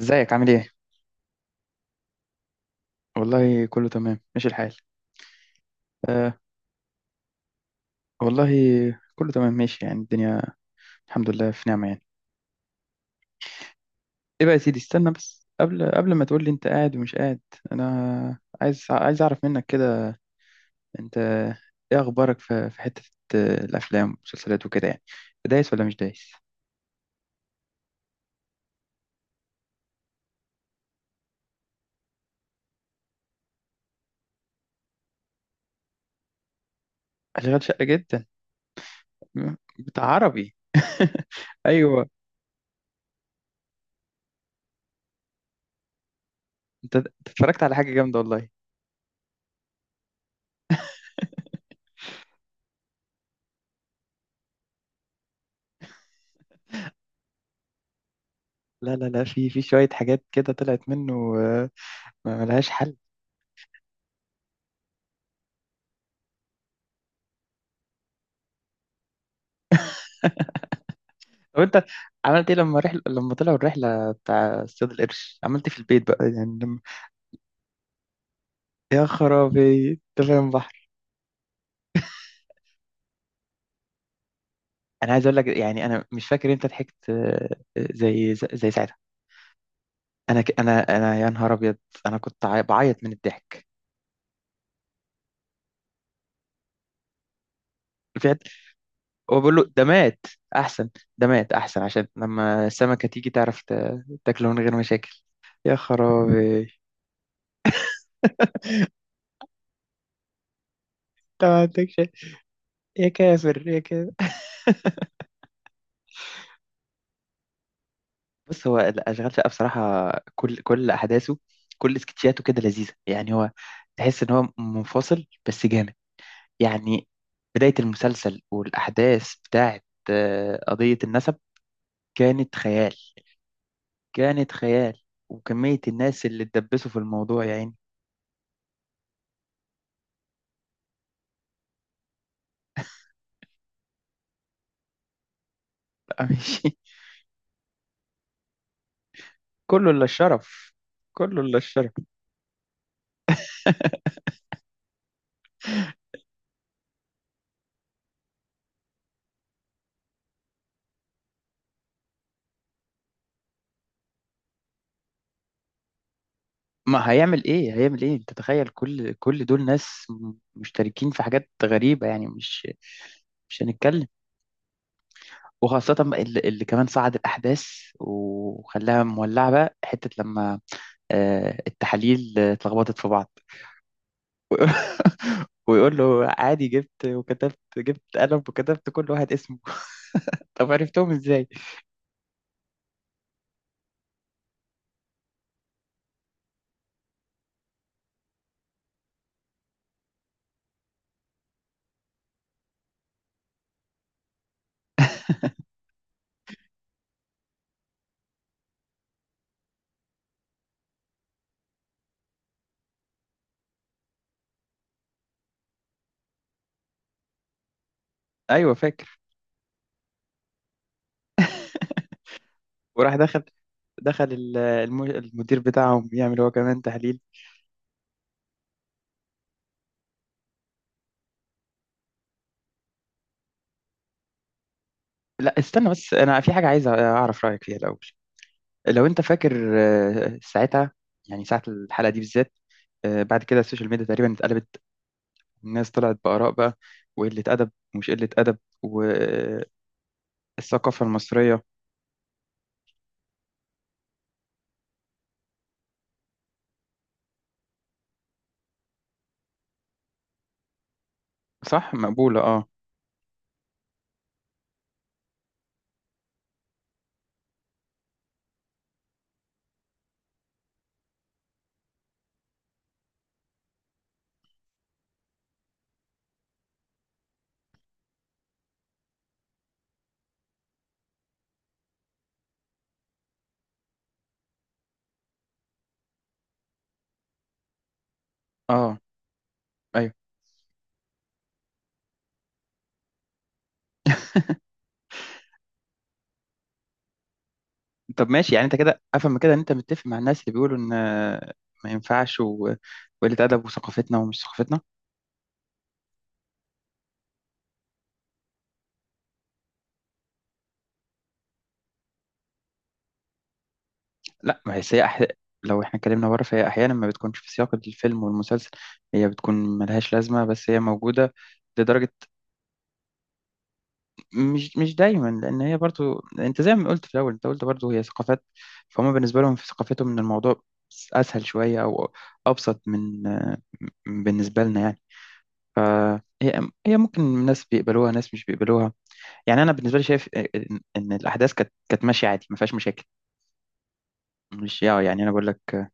ازيك عامل ايه؟ والله كله تمام ماشي الحال. آه. والله كله تمام ماشي يعني الدنيا. الحمد لله في نعمة يعني. ايه بقى يا سيدي، استنى بس قبل ما تقول لي انت قاعد ومش قاعد. انا عايز اعرف منك كده، انت ايه اخبارك في حتة الافلام والمسلسلات وكده، يعني دايس ولا مش دايس؟ اشغال شقة جدا. بتاع عربي؟ ايوه. انت اتفرجت على حاجة جامدة والله. لا لا لا، في شوية حاجات كده طلعت منه، ما ملهاش حل. طب انت عملت ايه لما لما طلعوا الرحله بتاع اصطياد القرش، عملت ايه في البيت بقى يعني يا خرابي، انت فاهم بحر! انا عايز اقول لك، يعني انا مش فاكر انت ضحكت زي ساعتها. انا يا نهار ابيض. انا كنت بعيط من الضحك. فعلا. هو بقول له احسن ده مات احسن عشان لما السمكه تيجي تعرف تاكله من غير مشاكل. يا خرابي! انت ما عندكش، يا كافر يا! بص، هو الأشغال شقة بصراحة، كل أحداثه، كل سكتشاته كده لذيذة، يعني هو تحس إن هو منفصل بس جامد يعني. بداية المسلسل والأحداث بتاعت قضية النسب كانت خيال. كانت خيال. وكمية الناس اللي اتدبسوا في الموضوع يعني، بقى مش. كله إلا الشرف. كله إلا الشرف. ما هيعمل إيه، هيعمل إيه؟ أنت تخيل كل دول ناس مشتركين في حاجات غريبة، يعني مش هنتكلم. وخاصة بقى اللي كمان صعد الأحداث وخلاها مولعة بقى، حتة لما التحاليل اتلخبطت في بعض. ويقول له عادي، جبت قلم وكتبت كل واحد اسمه. طب عرفتهم ازاي؟ أيوه، فاكر. وراح دخل المدير بتاعهم يعمل هو كمان تحليل. لا، استنى بس، أنا في حاجة عايز أعرف رأيك فيها الأول. لو أنت فاكر ساعتها، يعني ساعة الحلقة دي بالذات بعد كده السوشيال ميديا تقريبا اتقلبت. الناس طلعت بآراء بقى، وقلة أدب ومش قلة أدب، والثقافة المصرية. صح، مقبولة، اه. اه. ايوه. طب ماشي، يعني انت كده افهم من كده ان انت متفق مع الناس اللي بيقولوا ان ما ينفعش، و- وقلة أدب وثقافتنا ومش ثقافتنا. لا، ما هي سيئة لو احنا اتكلمنا بره فهي أحيانا ما بتكونش في سياق الفيلم والمسلسل، هي بتكون ملهاش لازمة بس هي موجودة. لدرجة مش دايما، لان هي برضو، انت زي ما قلت في الاول، انت قلت برضو هي ثقافات. فهم بالنسبه لهم في ثقافتهم ان الموضوع اسهل شويه او ابسط من بالنسبه لنا يعني. فهي ممكن ناس بيقبلوها، ناس مش بيقبلوها. يعني انا بالنسبه لي شايف ان الاحداث كانت ماشيه عادي، ما فيهاش مشاكل. مش، يا يعني انا بقول لك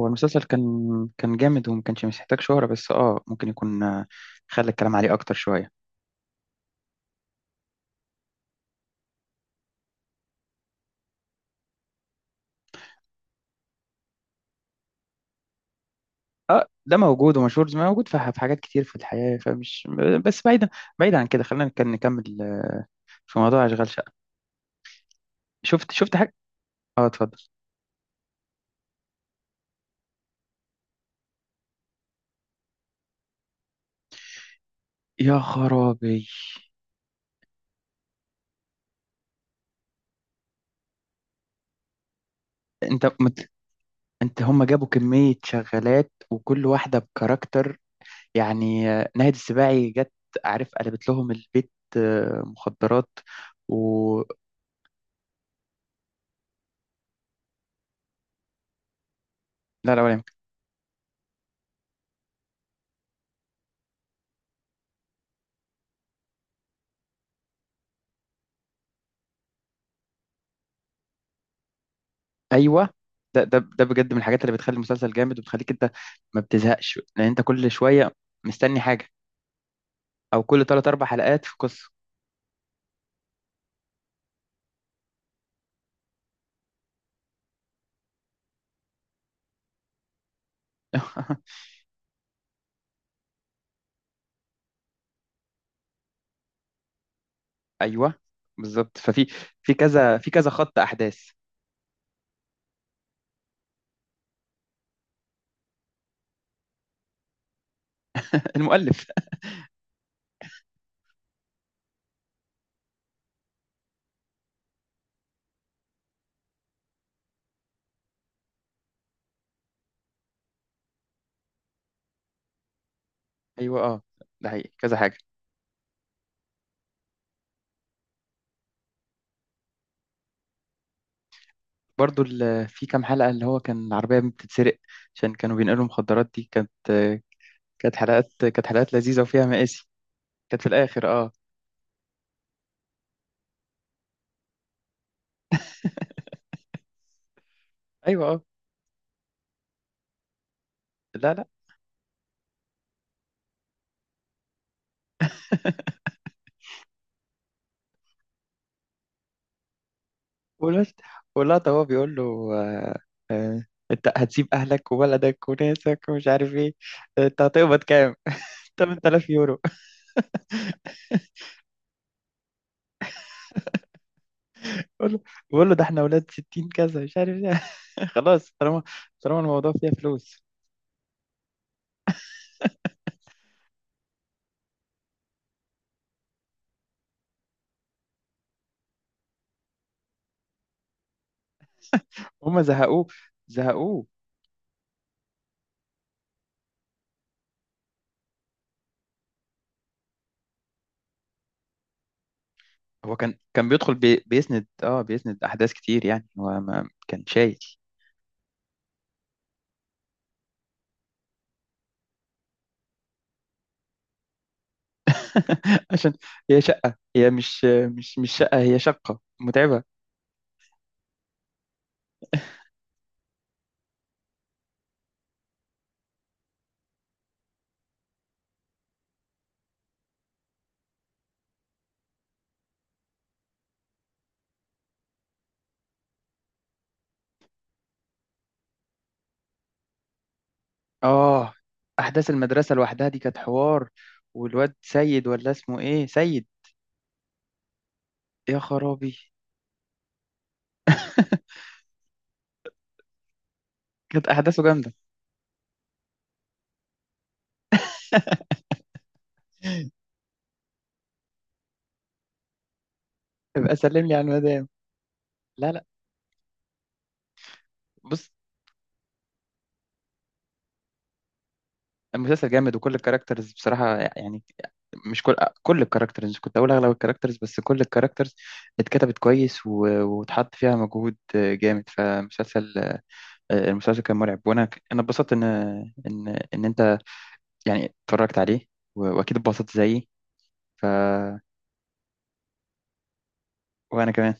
هو المسلسل كان جامد وما كانش محتاج شهره، بس اه ممكن يكون خلى الكلام عليه اكتر شويه. اه، ده موجود ومشهور زي ما موجود في حاجات كتير في الحياة، فمش. بس بعيدا، بعيدا عن كده، خلينا نكمل في موضوع أشغال شقة. شفت حاجة؟ اه، اتفضل. يا خرابي، انت مت... انت، هم جابوا كمية شغالات وكل واحدة بكاركتر، يعني ناهد السباعي جت، عارف، قلبت لهم البيت مخدرات، و. لا لا، ولا يمكن. ايوه، ده بجد من الحاجات اللي بتخلي المسلسل جامد وبتخليك انت ما بتزهقش، لان انت كل شوية مستني حاجة، او كل ثلاث اربع حلقات في قصه. ايوه بالظبط. ففي في كذا في كذا خط احداث. المؤلف. ايوه، اه، ده حقيقي كذا حاجه. برضو في كام حلقه اللي هو كان العربيه بتتسرق عشان كانوا بينقلوا مخدرات. دي كانت كانت حلقات كانت حلقات لذيذه وفيها مآسي. كانت في الاخر، اه. ايوه، اه. لا لا. والواد، واللقطه هو بيقول له، آه آه انت هتسيب اهلك وولدك وناسك ومش عارف ايه، انت هتقبض كام؟ 8000 يورو. بقول له بقول له ده احنا ولاد 60 كذا مش عارف ايه. خلاص، طالما الموضوع فيها فلوس. هم زهقوه، زهقوه. هو كان بيدخل، بيسند احداث كتير يعني، هو ما كان شايل. عشان هي شقة، هي مش شقة، هي شقة متعبة. اه، احداث المدرسة لوحدها دي كانت حوار. والواد سيد، ولا اسمه ايه؟ سيد. يا خرابي. كانت احداثه جامدة. ابقى سلم لي على المدام. لا لا، بص، المسلسل جامد وكل الكاركترز بصراحة، يعني مش كل الكاركترز، كنت أقول أغلب الكاركترز، بس كل الكاركترز اتكتبت كويس و- واتحط فيها مجهود جامد. المسلسل كان مرعب. وأنا أنا اتبسطت إن إن أنت يعني اتفرجت عليه، و- وأكيد اتبسطت زيي. ف وأنا كمان.